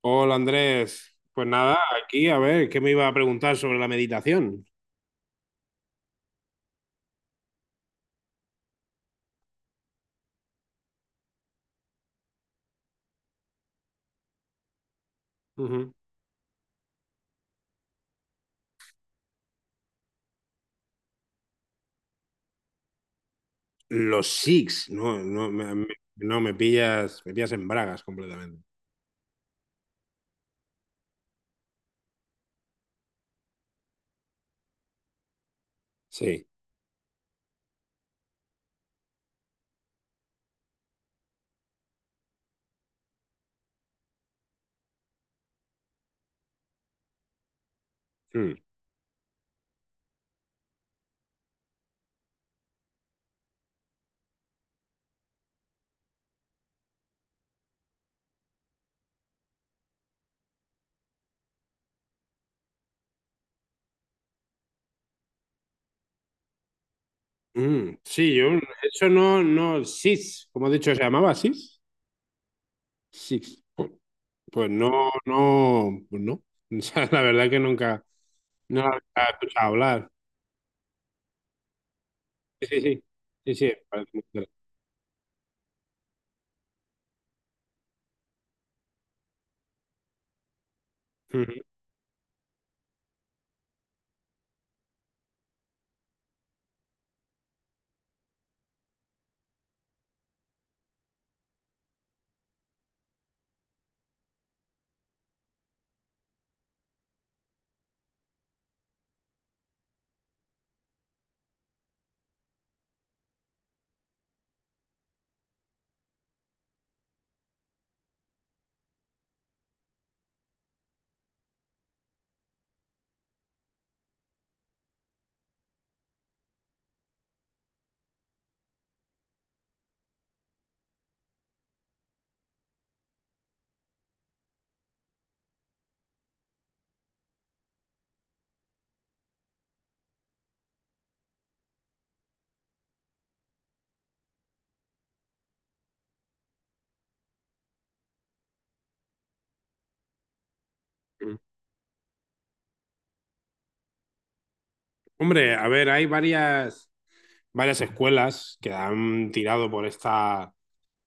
Hola Andrés, pues nada, aquí a ver, ¿qué me iba a preguntar sobre la meditación? Ujú. Los SIX, no, no, no, me pillas en bragas completamente. Sí. Mm. Mm. Sí, yo, eso no, no, SIX, como he dicho, se llamaba SIX. SIX. Pues no, no, pues no. O sea, la verdad que nunca, no la había escuchado hablar. Sí, sí, sí, sí, sí, parece muy interesante. Ujú, ujú. Hombre, a ver, hay varias escuelas que han tirado por esta,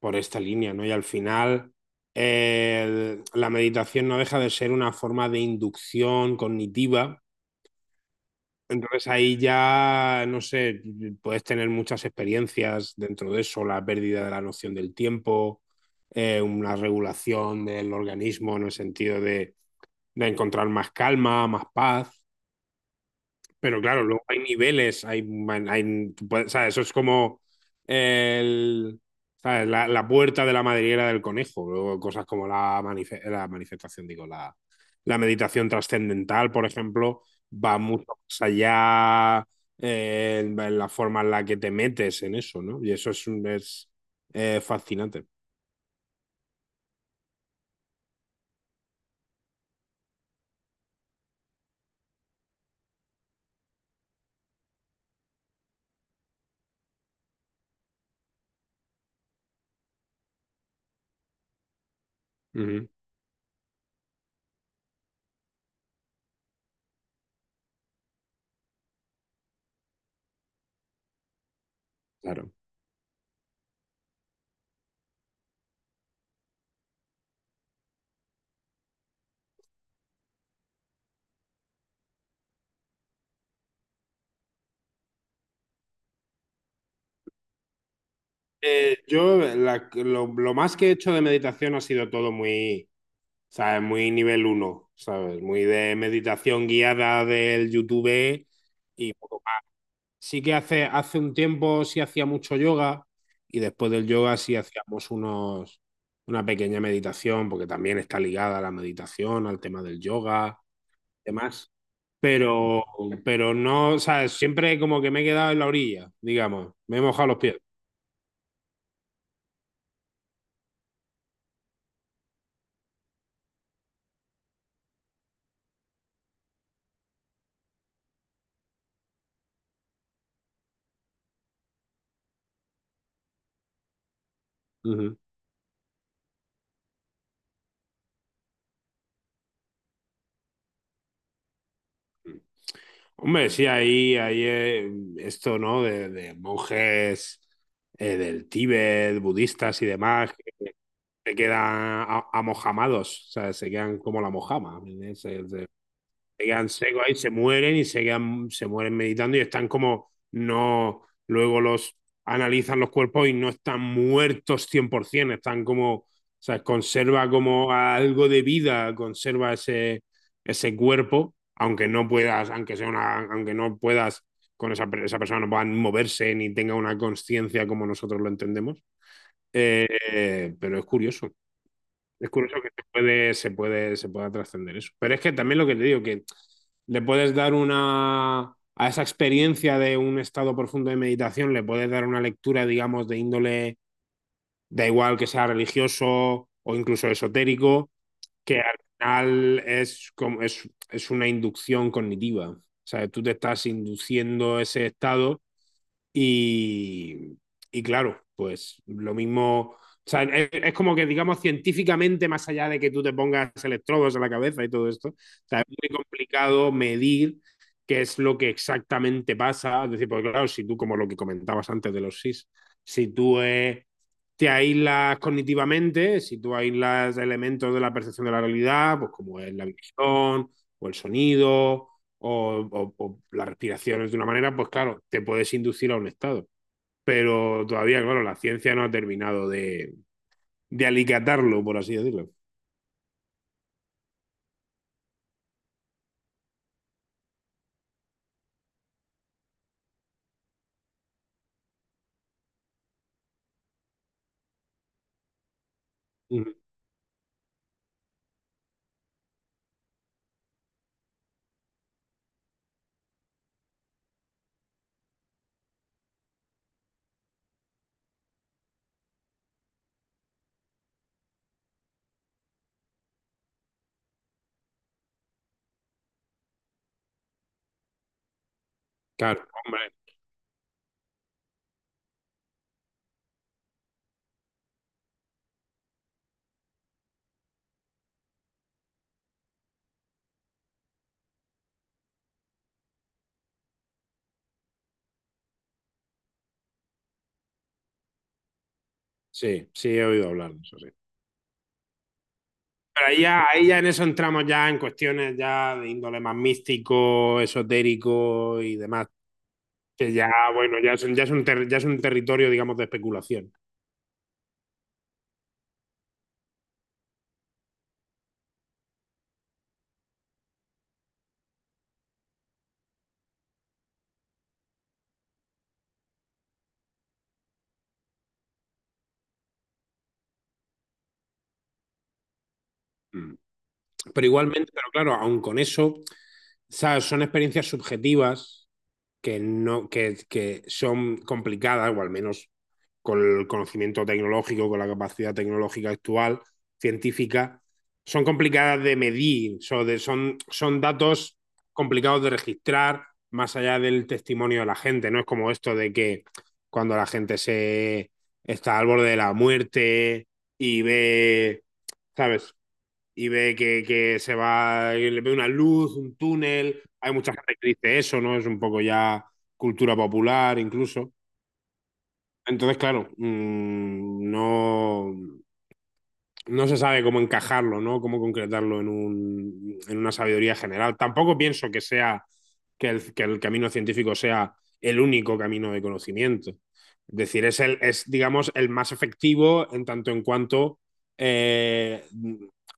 por esta línea, ¿no? Y al final la meditación no deja de ser una forma de inducción cognitiva. Entonces ahí ya, no sé, puedes tener muchas experiencias dentro de eso, la pérdida de la noción del tiempo, una regulación del organismo en el sentido de encontrar más calma, más paz. Pero claro, luego hay niveles, hay, man- hay- tú puedes- o sea, eso es como el, ¿sabes? La puerta de la madriguera del conejo, luego cosas como la, manife- la manifestación, digo, la meditación trascendental, por ejemplo, va mucho más allá en la forma en la que te metes en eso, ¿no? Y eso es fascinante. Ujú, claro. Lo más que he hecho de meditación ha sido todo muy, ¿sabes? Muy nivel uno, ¿sabes? Muy de meditación guiada del YouTube y poco más. Sí que hace un tiempo sí hacía mucho yoga y después del yoga sí hacíamos una pequeña meditación, porque también está ligada a la meditación, al tema del yoga, demás. Pero, pero no, ¿sabes? Siempre como que me he quedado en la orilla, digamos, me he mojado los pies. Uh -huh. Hombre, sí, ahí esto, ¿no? De monjes del Tíbet, budistas y demás, que se quedan amojamados, o sea, se quedan como la mojama. ¿Sí? Se quedan secos ahí, se mueren y se mueren meditando y están como no, luego los analizan los cuerpos y no están muertos 100%, están como, o sea, conserva como algo de vida, conserva ese cuerpo, aunque no puedas, aunque sea una, aunque no puedas con esa persona no puedan moverse ni tenga una conciencia como nosotros lo entendemos. Pero es curioso. Es curioso que se pueda trascender eso. Pero es que también lo que te digo, que le puedes dar una a esa experiencia de un estado profundo de meditación, le puedes dar una lectura, digamos, de índole, da igual que sea religioso o incluso esotérico, que al final es una inducción cognitiva. O sea, tú te estás induciendo ese estado y, y claro, pues lo mismo. O sea, es, como que, digamos, científicamente, más allá de que tú te pongas electrodos en la cabeza y todo esto, o sea, es muy complicado medir qué es lo que exactamente pasa. Es decir, pues claro, si tú, como lo que comentabas antes de los SIS, si tú te aíslas cognitivamente, si tú aíslas elementos de la percepción de la realidad, pues como es la visión o el sonido o las respiraciones de una manera, pues claro, te puedes inducir a un estado. Pero todavía, claro, la ciencia no ha terminado de alicatarlo, por así decirlo. Ujú. Claro, hombre, sí, sí he oído hablar de eso, sí. Pero ahí ya en eso entramos ya en cuestiones ya de índole más místico, esotérico y demás, que ya, bueno, ya es, un territorio, digamos, de especulación. Mm. Pero igualmente, pero claro, aun con eso, ¿sabes? Son experiencias subjetivas que, no, que son complicadas, o al menos con el conocimiento tecnológico, con la capacidad tecnológica actual, científica, son complicadas de medir, son datos complicados de registrar más allá del testimonio de la gente, no es como esto de que cuando la gente se está al borde de la muerte y ve, ¿sabes? Y ve que se va, le ve una luz, un túnel. Hay mucha gente que dice eso, ¿no? Es un poco ya cultura popular incluso. Entonces, claro, no, no se sabe cómo encajarlo, ¿no? Cómo concretarlo en, un, en una sabiduría general. Tampoco pienso que sea que el, camino científico sea el único camino de conocimiento. Es decir, es digamos, el más efectivo en tanto en cuanto eh,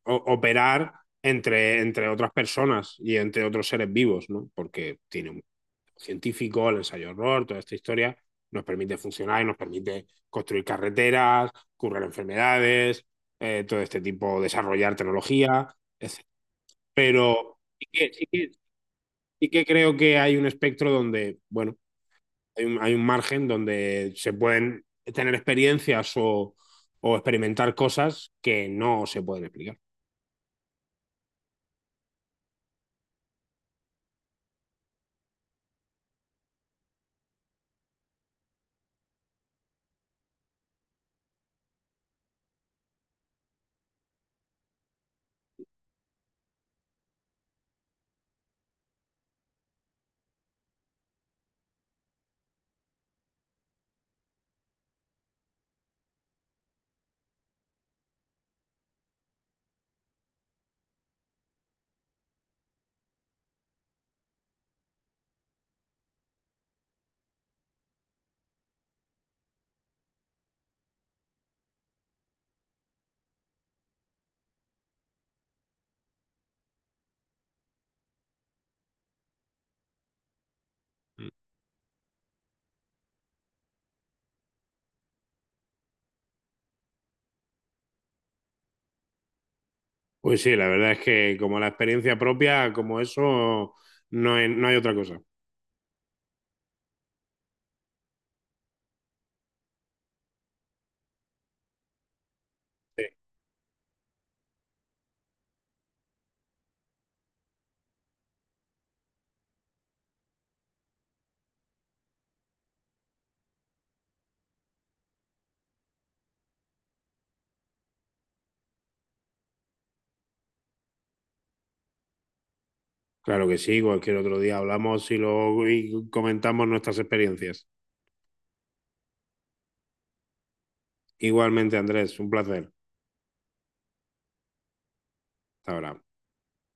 operar entre otras personas y entre otros seres vivos, ¿no? Porque tiene científico, el ensayo error toda esta historia, nos permite funcionar y nos permite construir carreteras, curar enfermedades, todo este tipo, desarrollar tecnología, etc. Pero sí que, creo que hay un espectro donde, bueno, hay un margen donde se pueden tener experiencias o experimentar cosas que no se pueden explicar. Pues sí, la verdad es que como la experiencia propia, como eso, no hay otra cosa. Claro que sí, cualquier otro día hablamos y comentamos nuestras experiencias. Igualmente, Andrés, un placer. Hasta ahora.